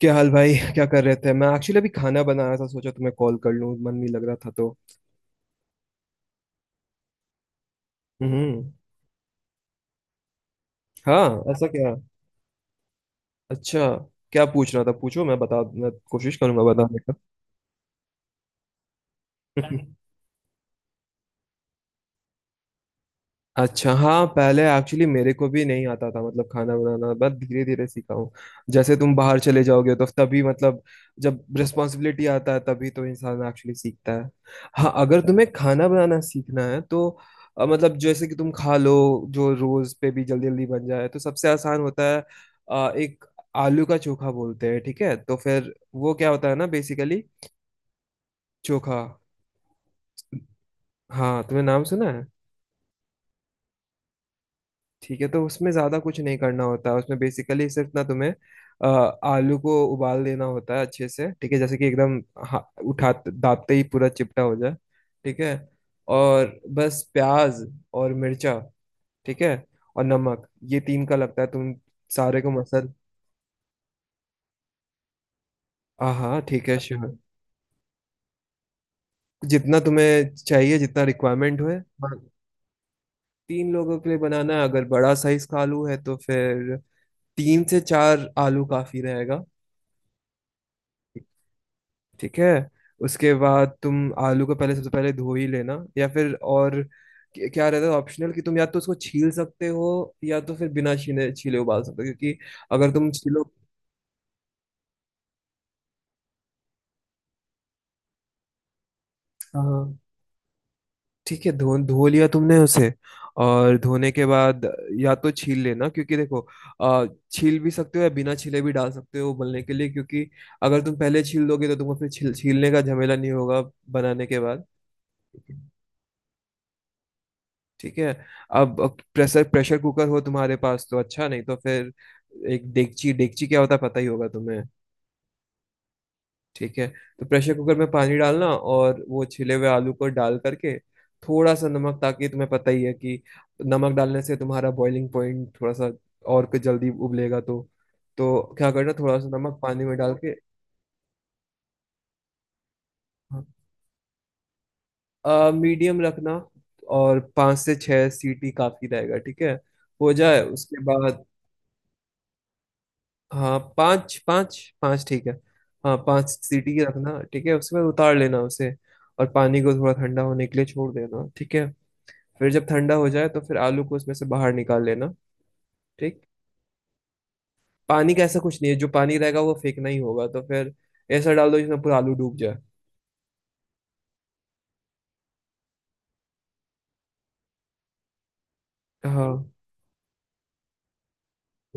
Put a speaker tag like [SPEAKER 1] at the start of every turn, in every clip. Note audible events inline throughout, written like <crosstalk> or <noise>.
[SPEAKER 1] क्या हाल भाई? क्या कर रहे थे? मैं एक्चुअली अभी खाना बना रहा था, सोचा तुम्हें कॉल कर लूं, मन नहीं लग रहा था तो। हम्म। हाँ, ऐसा क्या। अच्छा, क्या पूछ रहा था? पूछो, मैं बता, मैं कोशिश करूंगा बताने का। <laughs> अच्छा हाँ, पहले एक्चुअली मेरे को भी नहीं आता था, मतलब खाना बनाना, बस धीरे धीरे सीखा हूँ। जैसे तुम बाहर चले जाओगे तो तभी, मतलब जब रिस्पॉन्सिबिलिटी आता है तभी तो इंसान एक्चुअली सीखता है। हाँ, अगर तुम्हें खाना बनाना सीखना है तो मतलब जैसे कि तुम खा लो, जो रोज पे भी जल्दी जल्दी बन जाए तो सबसे आसान होता है। एक आलू का चोखा बोलते हैं। ठीक है, तो फिर वो क्या होता है ना बेसिकली। चोखा। हाँ, तुमने नाम सुना है? ठीक है, तो उसमें ज्यादा कुछ नहीं करना होता है। उसमें बेसिकली सिर्फ ना तुम्हें अ, आलू को उबाल देना होता है अच्छे से। ठीक है, जैसे कि एकदम हा- उठा दाबते ही पूरा चिपटा हो जाए। ठीक है। और बस प्याज और मिर्चा, ठीक है, और नमक। ये तीन का लगता है। तुम सारे को मसल। हाँ हाँ ठीक है, श्योर। जितना तुम्हें चाहिए, जितना रिक्वायरमेंट हो। हाँ, तीन लोगों के लिए बनाना है। अगर बड़ा साइज का आलू है तो फिर तीन से चार आलू काफी रहेगा। ठीक है, उसके बाद तुम आलू को पहले, सबसे पहले धो ही लेना, या फिर और क्या रहता है ऑप्शनल कि तुम या तो उसको छील सकते हो, या तो फिर बिना छीने छीले उबाल सकते हो, क्योंकि अगर तुम छीलो। हाँ ठीक है, धो धो लिया तुमने उसे। और धोने के बाद या तो छील लेना, क्योंकि देखो, अ, छील भी सकते हो या बिना छीले भी डाल सकते हो उबलने के लिए, क्योंकि अगर तुम पहले छील दोगे तो तुमको फिर छील छीलने का झमेला नहीं होगा बनाने के बाद। ठीक है। अब प्रेशर प्रेशर कुकर हो तुम्हारे पास तो अच्छा, नहीं तो फिर एक डेगची। डेगची क्या होता है पता ही होगा तुम्हें। ठीक है, तो प्रेशर कुकर में पानी डालना और वो छिले हुए आलू को डाल करके थोड़ा सा नमक, ताकि तुम्हें पता ही है कि नमक डालने से तुम्हारा बॉइलिंग पॉइंट थोड़ा सा, और कुछ जल्दी उबलेगा तो क्या करना थोड़ा सा नमक पानी में डाल के। मीडियम रखना, और पाँच से छह सीटी काफी रहेगा। ठीक है, हो जाए उसके बाद। हाँ पाँच पाँच पाँच ठीक है। हाँ पाँच सीटी की रखना। ठीक है, उसके बाद उतार लेना उसे और पानी को थोड़ा ठंडा होने के लिए छोड़ देना। ठीक है, फिर जब ठंडा हो जाए तो फिर आलू को उसमें से बाहर निकाल लेना। ठीक। पानी का ऐसा कुछ नहीं है, जो पानी रहेगा वो फेंकना ही होगा, तो फिर ऐसा डाल दो जिसमें पूरा आलू डूब जाए। हाँ,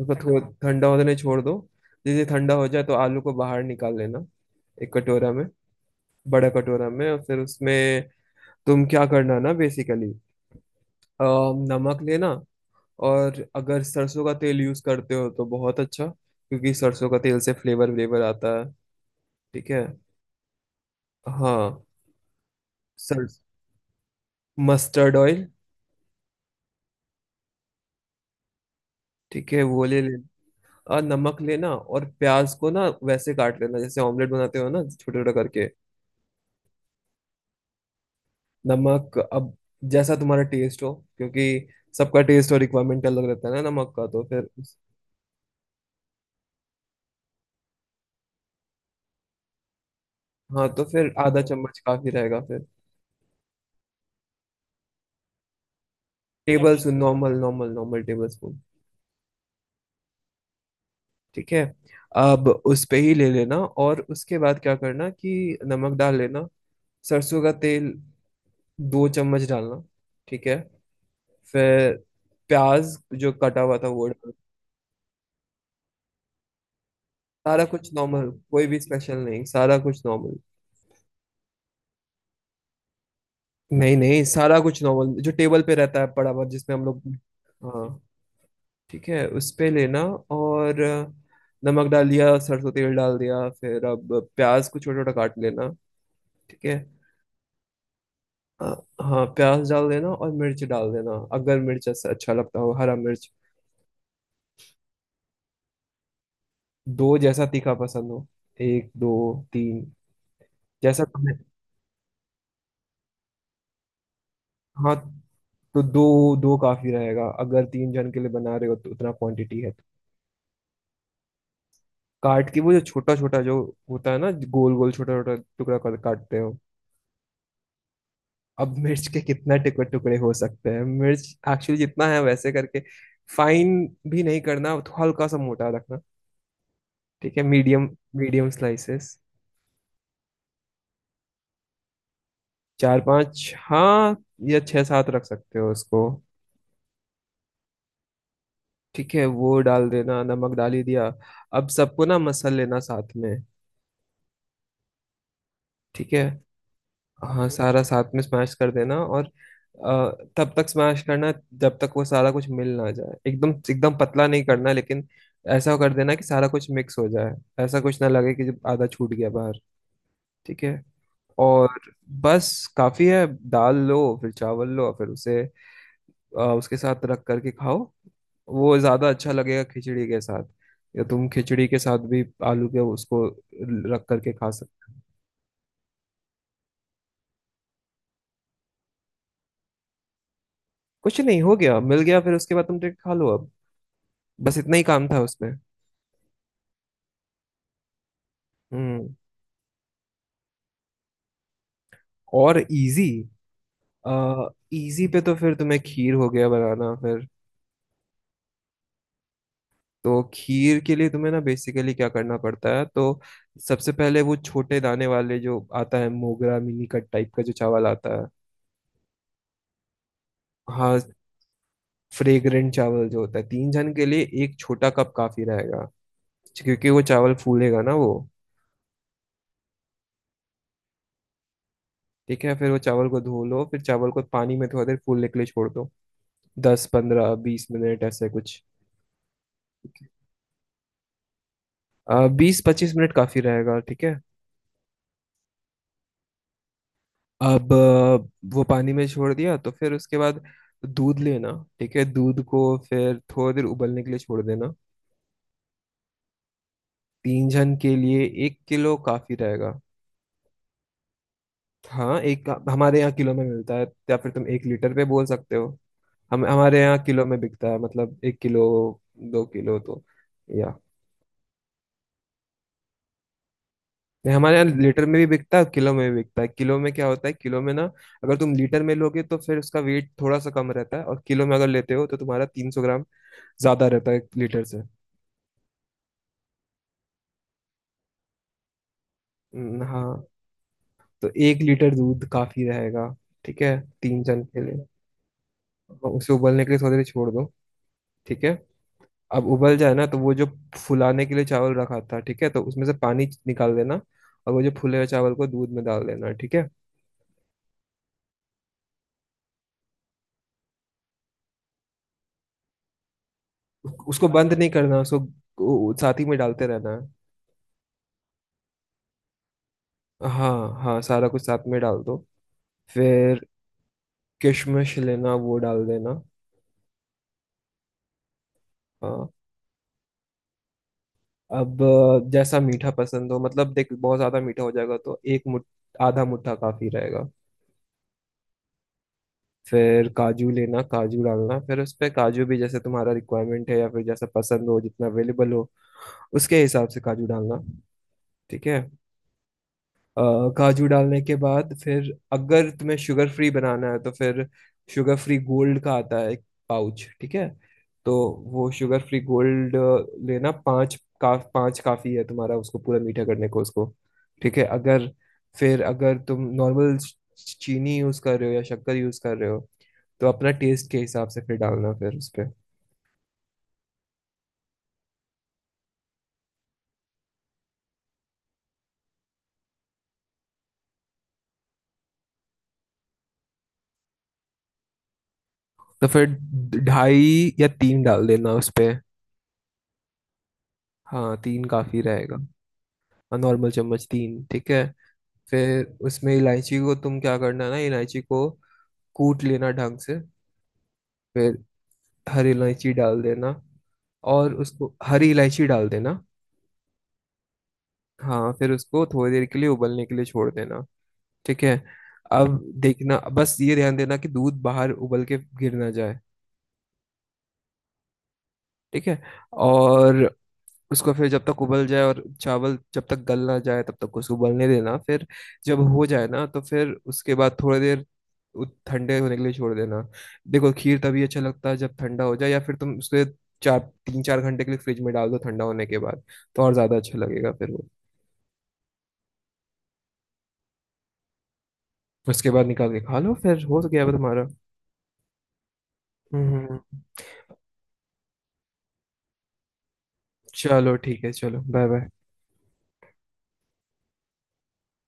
[SPEAKER 1] उसको थोड़ा ठंडा होने छोड़ दो। जैसे ठंडा हो जाए तो आलू को बाहर निकाल लेना, एक कटोरा में, बड़ा कटोरा में। और फिर उसमें तुम क्या करना ना बेसिकली, नमक लेना। और अगर सरसों का तेल यूज करते हो तो बहुत अच्छा, क्योंकि सरसों का तेल से फ्लेवर व्लेवर आता है। ठीक है। हाँ। सर। Mustard oil. ठीक है, वो ले लेना। और नमक लेना, और प्याज को ना वैसे काट लेना जैसे ऑमलेट बनाते हो ना, छोटे छोटे करके। नमक अब जैसा तुम्हारा टेस्ट हो, क्योंकि सबका टेस्ट और रिक्वायरमेंट अलग रहता है ना नमक का, तो फिर। हाँ तो फिर आधा चम्मच काफी रहेगा फिर। Tablespoon, normal normal normal tablespoon. ठीक है, अब उस पे ही ले लेना। और उसके बाद क्या करना कि नमक डाल लेना, सरसों का तेल 2 चम्मच डालना। ठीक है, फिर प्याज जो कटा हुआ था वो डालना। सारा कुछ नॉर्मल, कोई भी स्पेशल नहीं, सारा कुछ नॉर्मल। नहीं नहीं, सारा कुछ नॉर्मल, जो टेबल पे रहता है पड़ा हुआ, जिसमें हम लोग। हाँ। ठीक है, उस पे लेना। और नमक डाल दिया, सरसों तेल डाल दिया, फिर अब प्याज को छोटा छोटा काट लेना। ठीक है। अ, हाँ, प्याज डाल देना और मिर्च डाल देना, अगर मिर्च ऐसा अच्छा लगता हो, हरा मिर्च। दो, जैसा तीखा पसंद हो, एक दो तीन, जैसा तुम्हें। हाँ तो दो, दो काफी रहेगा अगर तीन जन के लिए बना रहे हो, तो उतना क्वांटिटी है। काट के, वो जो छोटा छोटा जो होता है ना, गोल गोल, छोटा छोटा टुकड़ा कर काटते हो। अब मिर्च के कितना टुकड़े टुकड़े हो सकते हैं, मिर्च एक्चुअली जितना है वैसे करके, फाइन भी नहीं करना, तो हल्का सा मोटा रखना। ठीक है, मीडियम, मीडियम स्लाइसेस। चार पांच हाँ, या छह सात रख सकते हो उसको। ठीक है, वो डाल देना, नमक डाल ही दिया, अब सबको ना मसल लेना साथ में। ठीक है। हाँ, सारा साथ में स्मैश कर देना। और तब तक स्मैश करना जब तक वो सारा कुछ मिल ना जाए, एकदम एकदम पतला नहीं करना लेकिन, ऐसा कर देना कि सारा कुछ मिक्स हो जाए, ऐसा कुछ ना लगे कि जब आधा छूट गया बाहर। ठीक है। और बस, काफी है। दाल लो फिर, चावल लो फिर, उसे उसके साथ रख करके खाओ, वो ज्यादा अच्छा लगेगा खिचड़ी के साथ, या तुम खिचड़ी के साथ भी आलू के उसको रख करके खा सकते हो। कुछ नहीं, हो गया, मिल गया फिर उसके बाद तुम डायरेक्ट खा लो अब, बस इतना ही काम था उसमें। हम्म। और इजी। इजी पे तो फिर तुम्हें खीर हो गया बनाना फिर। तो खीर के लिए तुम्हें ना बेसिकली क्या करना पड़ता है तो, सबसे पहले वो छोटे दाने वाले जो आता है, मोगरा मिनीकट टाइप का जो चावल आता है। हाँ, फ्रेग्रेंट चावल जो होता है, 3 जन के लिए एक छोटा कप काफी रहेगा, क्योंकि वो चावल फूलेगा ना वो। ठीक है, फिर वो चावल को धो लो, फिर चावल को पानी में थोड़ा देर फूलने के लिए छोड़ दो, 10 15 20 मिनट ऐसे कुछ। 20 25 मिनट काफी रहेगा। ठीक है। अब, वो पानी में छोड़ दिया तो फिर उसके बाद दूध लेना। ठीक है, दूध को फिर थोड़ी देर उबलने के लिए छोड़ देना। तीन जन के लिए 1 किलो काफी रहेगा। हाँ, एक हमारे यहाँ किलो में मिलता है, या फिर तुम 1 लीटर पे बोल सकते हो। हम, हमारे यहाँ किलो में बिकता है, मतलब 1 किलो, 2 किलो, तो, या। नहीं, हमारे यहाँ लीटर में भी बिकता है, किलो में भी बिकता है। किलो में क्या होता है, किलो में ना, अगर तुम लीटर में लोगे तो फिर उसका वेट थोड़ा सा कम रहता है, और किलो में अगर लेते हो तो तुम्हारा 300 ग्राम ज्यादा रहता है लीटर से। हाँ। तो 1 लीटर दूध काफी रहेगा, ठीक है, 3 जन के लिए। और उसे उबलने के लिए थोड़ी देर छोड़ दो। ठीक है। अब उबल जाए ना, तो वो जो फुलाने के लिए चावल रखा था, ठीक है, तो उसमें से पानी निकाल देना, और वो जो फूले हुए चावल को दूध में डाल देना। ठीक है, उसको बंद नहीं करना, उसको वो साथ ही में डालते रहना है। हाँ हाँ, सारा कुछ साथ में डाल दो फिर। किशमिश लेना, वो डाल देना। हाँ। अब जैसा मीठा पसंद हो, मतलब देख बहुत ज्यादा मीठा हो जाएगा तो एक मुठ, आधा मुट्ठा काफी रहेगा। फिर काजू लेना, काजू डालना, फिर उस पे काजू भी जैसे तुम्हारा रिक्वायरमेंट है, या फिर जैसा पसंद हो जितना अवेलेबल हो, उसके हिसाब से काजू डालना। ठीक है। अ, काजू डालने के बाद फिर अगर तुम्हें शुगर फ्री बनाना है तो फिर, शुगर फ्री गोल्ड का आता है एक पाउच, ठीक है, तो वो शुगर फ्री गोल्ड लेना। पाँच का पाँच काफ़ी है तुम्हारा उसको पूरा मीठा करने को उसको। ठीक है। अगर, फिर अगर तुम नॉर्मल चीनी यूज़ कर रहे हो या शक्कर यूज़ कर रहे हो, तो अपना टेस्ट के हिसाब से फिर डालना फिर उस पे। तो फिर ढाई या तीन डाल देना उस पे। हाँ तीन काफ़ी रहेगा। नॉर्मल चम्मच तीन, ठीक है। फिर उसमें इलायची को तुम क्या करना ना, इलायची को कूट लेना ढंग से, फिर हरी इलायची डाल देना, और उसको हरी इलायची डाल देना। हाँ, फिर उसको थोड़ी देर के लिए उबलने के लिए छोड़ देना। ठीक है। अब देखना, बस ये ध्यान देना कि दूध बाहर उबल के गिर ना जाए। ठीक है। और उसको फिर जब तक उबल जाए और चावल जब तक गल ना जाए तब तक उसको उबलने देना। फिर जब हो जाए ना तो फिर उसके बाद थोड़ी देर ठंडे होने के लिए छोड़ देना। देखो, खीर तभी अच्छा लगता है जब ठंडा हो जाए, या फिर तुम उसके चार, 3 4 घंटे के लिए फ्रिज में डाल दो ठंडा होने के बाद, तो और ज्यादा अच्छा लगेगा फिर वो। उसके बाद निकाल के खा लो, फिर हो गया वो तुम्हारा। हम्म। चलो ठीक है, चलो बाय बाय।